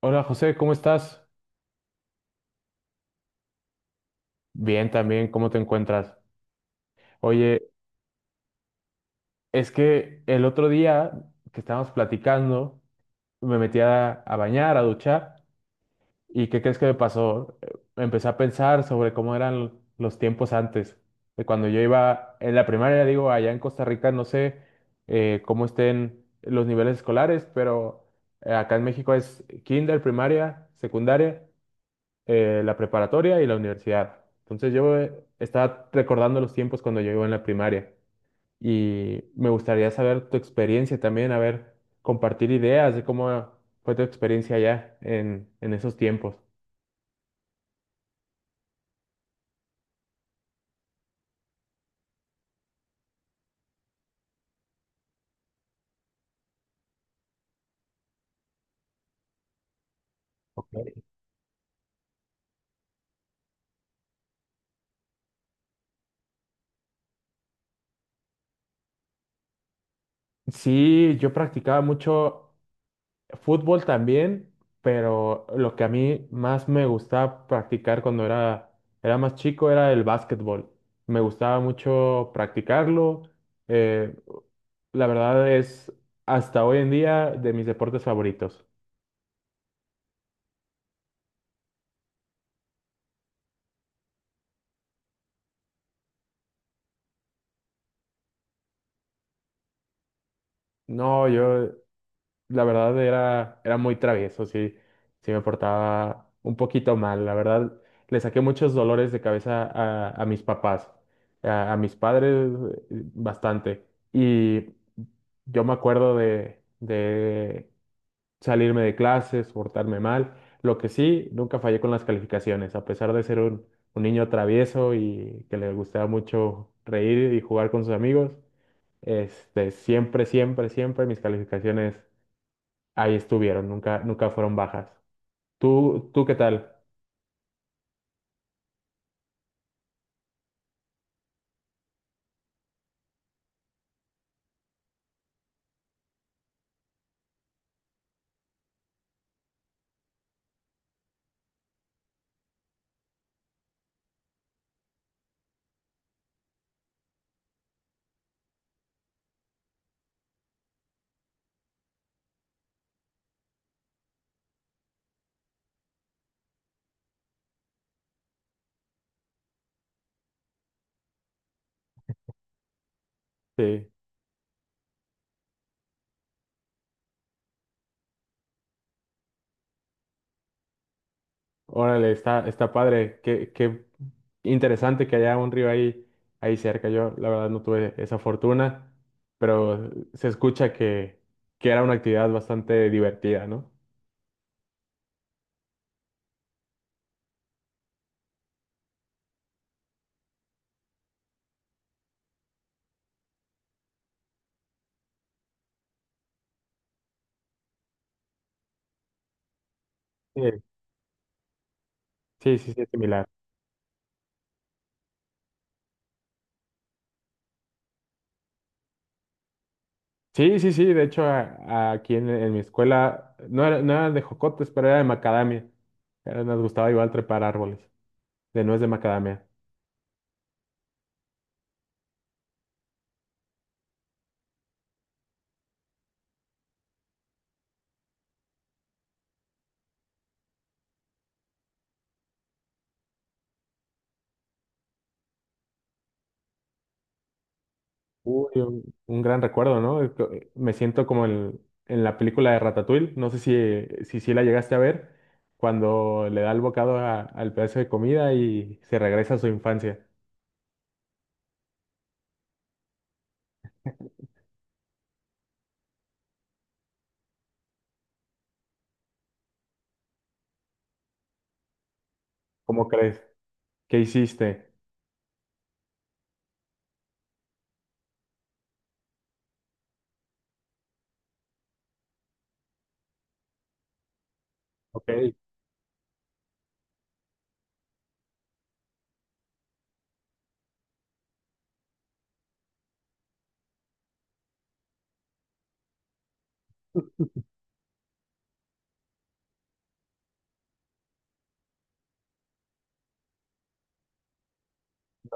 Hola José, ¿cómo estás? Bien también, ¿cómo te encuentras? Oye, es que el otro día que estábamos platicando, me metí a bañar, a duchar, ¿y qué crees que me pasó? Empecé a pensar sobre cómo eran los tiempos antes, de cuando yo iba en la primaria, digo, allá en Costa Rica, no sé cómo estén los niveles escolares, pero acá en México es kinder, primaria, secundaria, la preparatoria y la universidad. Entonces yo estaba recordando los tiempos cuando yo iba en la primaria y me gustaría saber tu experiencia también, a ver, compartir ideas de cómo fue tu experiencia allá en esos tiempos. Ok. Sí, yo practicaba mucho fútbol también, pero lo que a mí más me gustaba practicar era más chico era el básquetbol. Me gustaba mucho practicarlo. eh, La verdad es, hasta hoy en día, de mis deportes favoritos. No, yo, la verdad, era muy travieso, sí, sí me portaba un poquito mal. La verdad, le saqué muchos dolores de cabeza a mis papás, a mis padres, bastante. Y yo me acuerdo de salirme de clases, portarme mal. Lo que sí, nunca fallé con las calificaciones, a pesar de ser un niño travieso y que le gustaba mucho reír y jugar con sus amigos, este, siempre, siempre, siempre mis calificaciones ahí estuvieron, nunca, nunca fueron bajas. Tú qué tal? Sí. Órale, está, está padre. Qué interesante que haya un río ahí, ahí cerca. Yo, la verdad, no tuve esa fortuna, pero se escucha que era una actividad bastante divertida, ¿no? Sí, sí, sí, sí, es similar. Sí, sí, sí. De hecho, aquí en mi escuela no era, no eran de jocotes, pero era de macadamia. Era- nos gustaba igual trepar árboles de nuez de macadamia. Uy, un gran recuerdo, ¿no? Me siento como el- en la película de Ratatouille, no sé si, si, si la llegaste a ver, cuando le da el bocado a- al pedazo de comida y se regresa a su infancia. ¿Cómo crees? ¿Qué hiciste? Ok,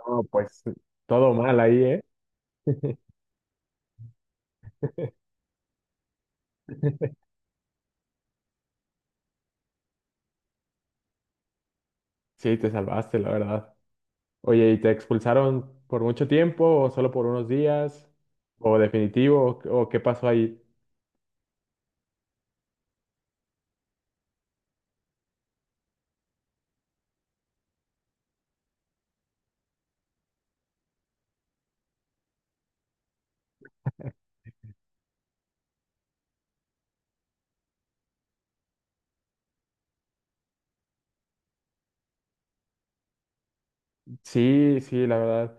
no, pues todo mal ahí, ¿eh? Sí, te salvaste, la verdad. Oye, ¿y te expulsaron por mucho tiempo o solo por unos días? ¿O definitivo? ¿O qué pasó ahí? Sí, sí, la verdad,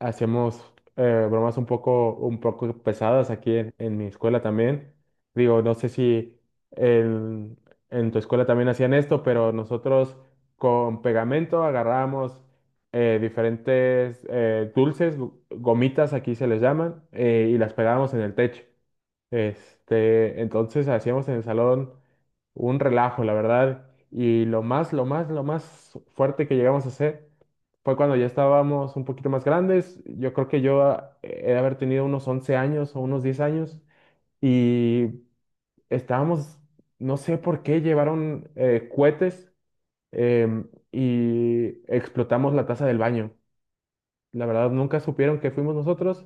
hacíamos bromas un poco pesadas aquí en mi escuela también. Digo, no sé si en, en tu escuela también hacían esto, pero nosotros con pegamento agarrábamos diferentes dulces, gu- gomitas aquí se les llaman, y las pegábamos en el techo. Este, entonces hacíamos en el salón un relajo, la verdad. Y lo más, lo más, lo más fuerte que llegamos a hacer fue cuando ya estábamos un poquito más grandes. Yo creo que yo he de haber tenido unos 11 años o unos 10 años y estábamos, no sé por qué, llevaron cohetes, y explotamos la taza del baño. La verdad, nunca supieron que fuimos nosotros,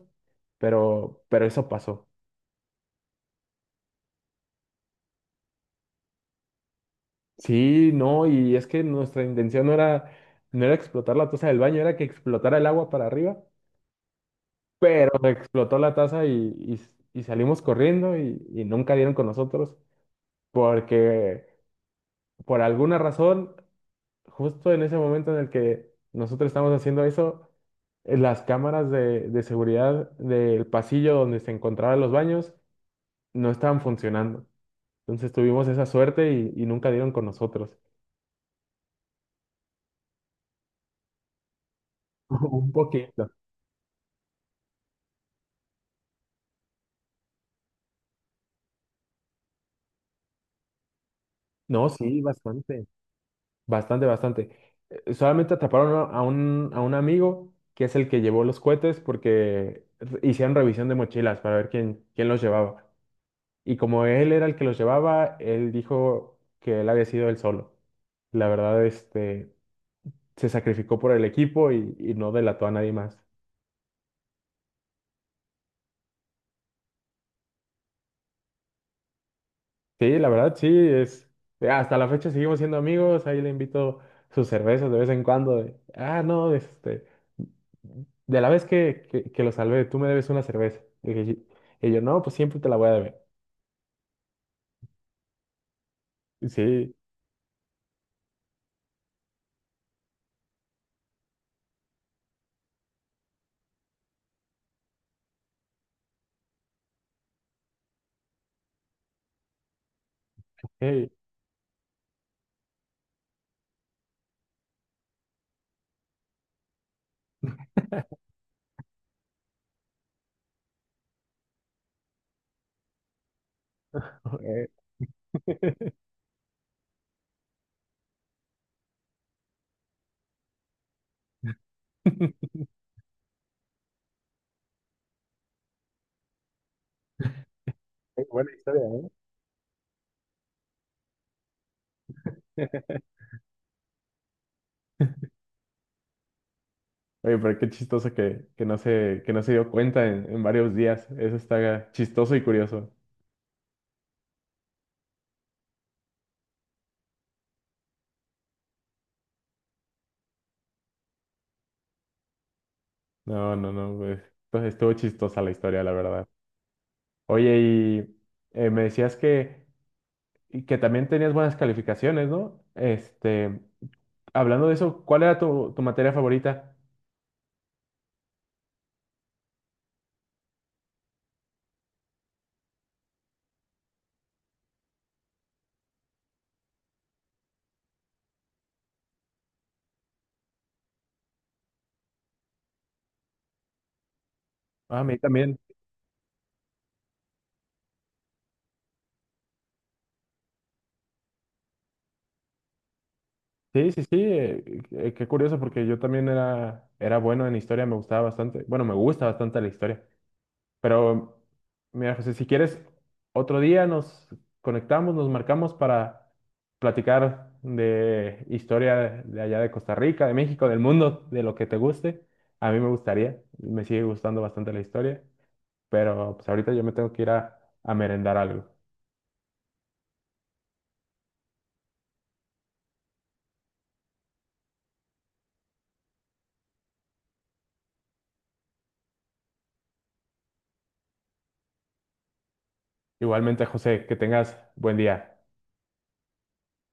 pero, eso pasó. Sí, no, y es que nuestra intención no era explotar la taza del baño, era que explotara el agua para arriba, pero explotó la taza y salimos corriendo y nunca dieron con nosotros porque por alguna razón, justo en ese momento en el que nosotros estamos haciendo eso, las cámaras de seguridad del pasillo donde se encontraban los baños no estaban funcionando. Entonces tuvimos esa suerte y nunca dieron con nosotros. Un poquito. No, sí, bastante. Bastante, bastante. Solamente atraparon a a un amigo que es el que llevó los cohetes porque r- hicieron revisión de mochilas para ver quién, quién los llevaba. Y como él era el que los llevaba, él dijo que él había sido él solo. La verdad, este, se sacrificó por el equipo y no delató a nadie más. Sí, la verdad, sí, es, hasta la fecha seguimos siendo amigos, ahí le invito sus cervezas de vez en cuando, de, ah, no, este, de la vez que lo salvé, tú me debes una cerveza. Y, dije, "Sí". Y yo, no, pues siempre te la voy a deber. Y sí, hey. eh, Qué buena historia, ¿eh? Oye, pero qué chistoso que no se dio cuenta en varios días. Eso está chistoso y curioso. No, no, no, pues, entonces estuvo chistosa la historia, la verdad. Oye, me decías que que también tenías buenas calificaciones, ¿no? Este, hablando de eso, ¿cuál era tu materia favorita? Ah, a mí también. Sí, sí, sí, qué curioso porque yo también era bueno en historia, me gustaba bastante, bueno, me gusta bastante la historia, pero mira, José, si quieres, otro día nos conectamos, nos marcamos para platicar de historia de allá de Costa Rica, de México, del mundo, de lo que te guste. A mí me gustaría, me sigue gustando bastante la historia, pero pues ahorita yo me tengo que ir a merendar algo. Igualmente, José, que tengas buen día.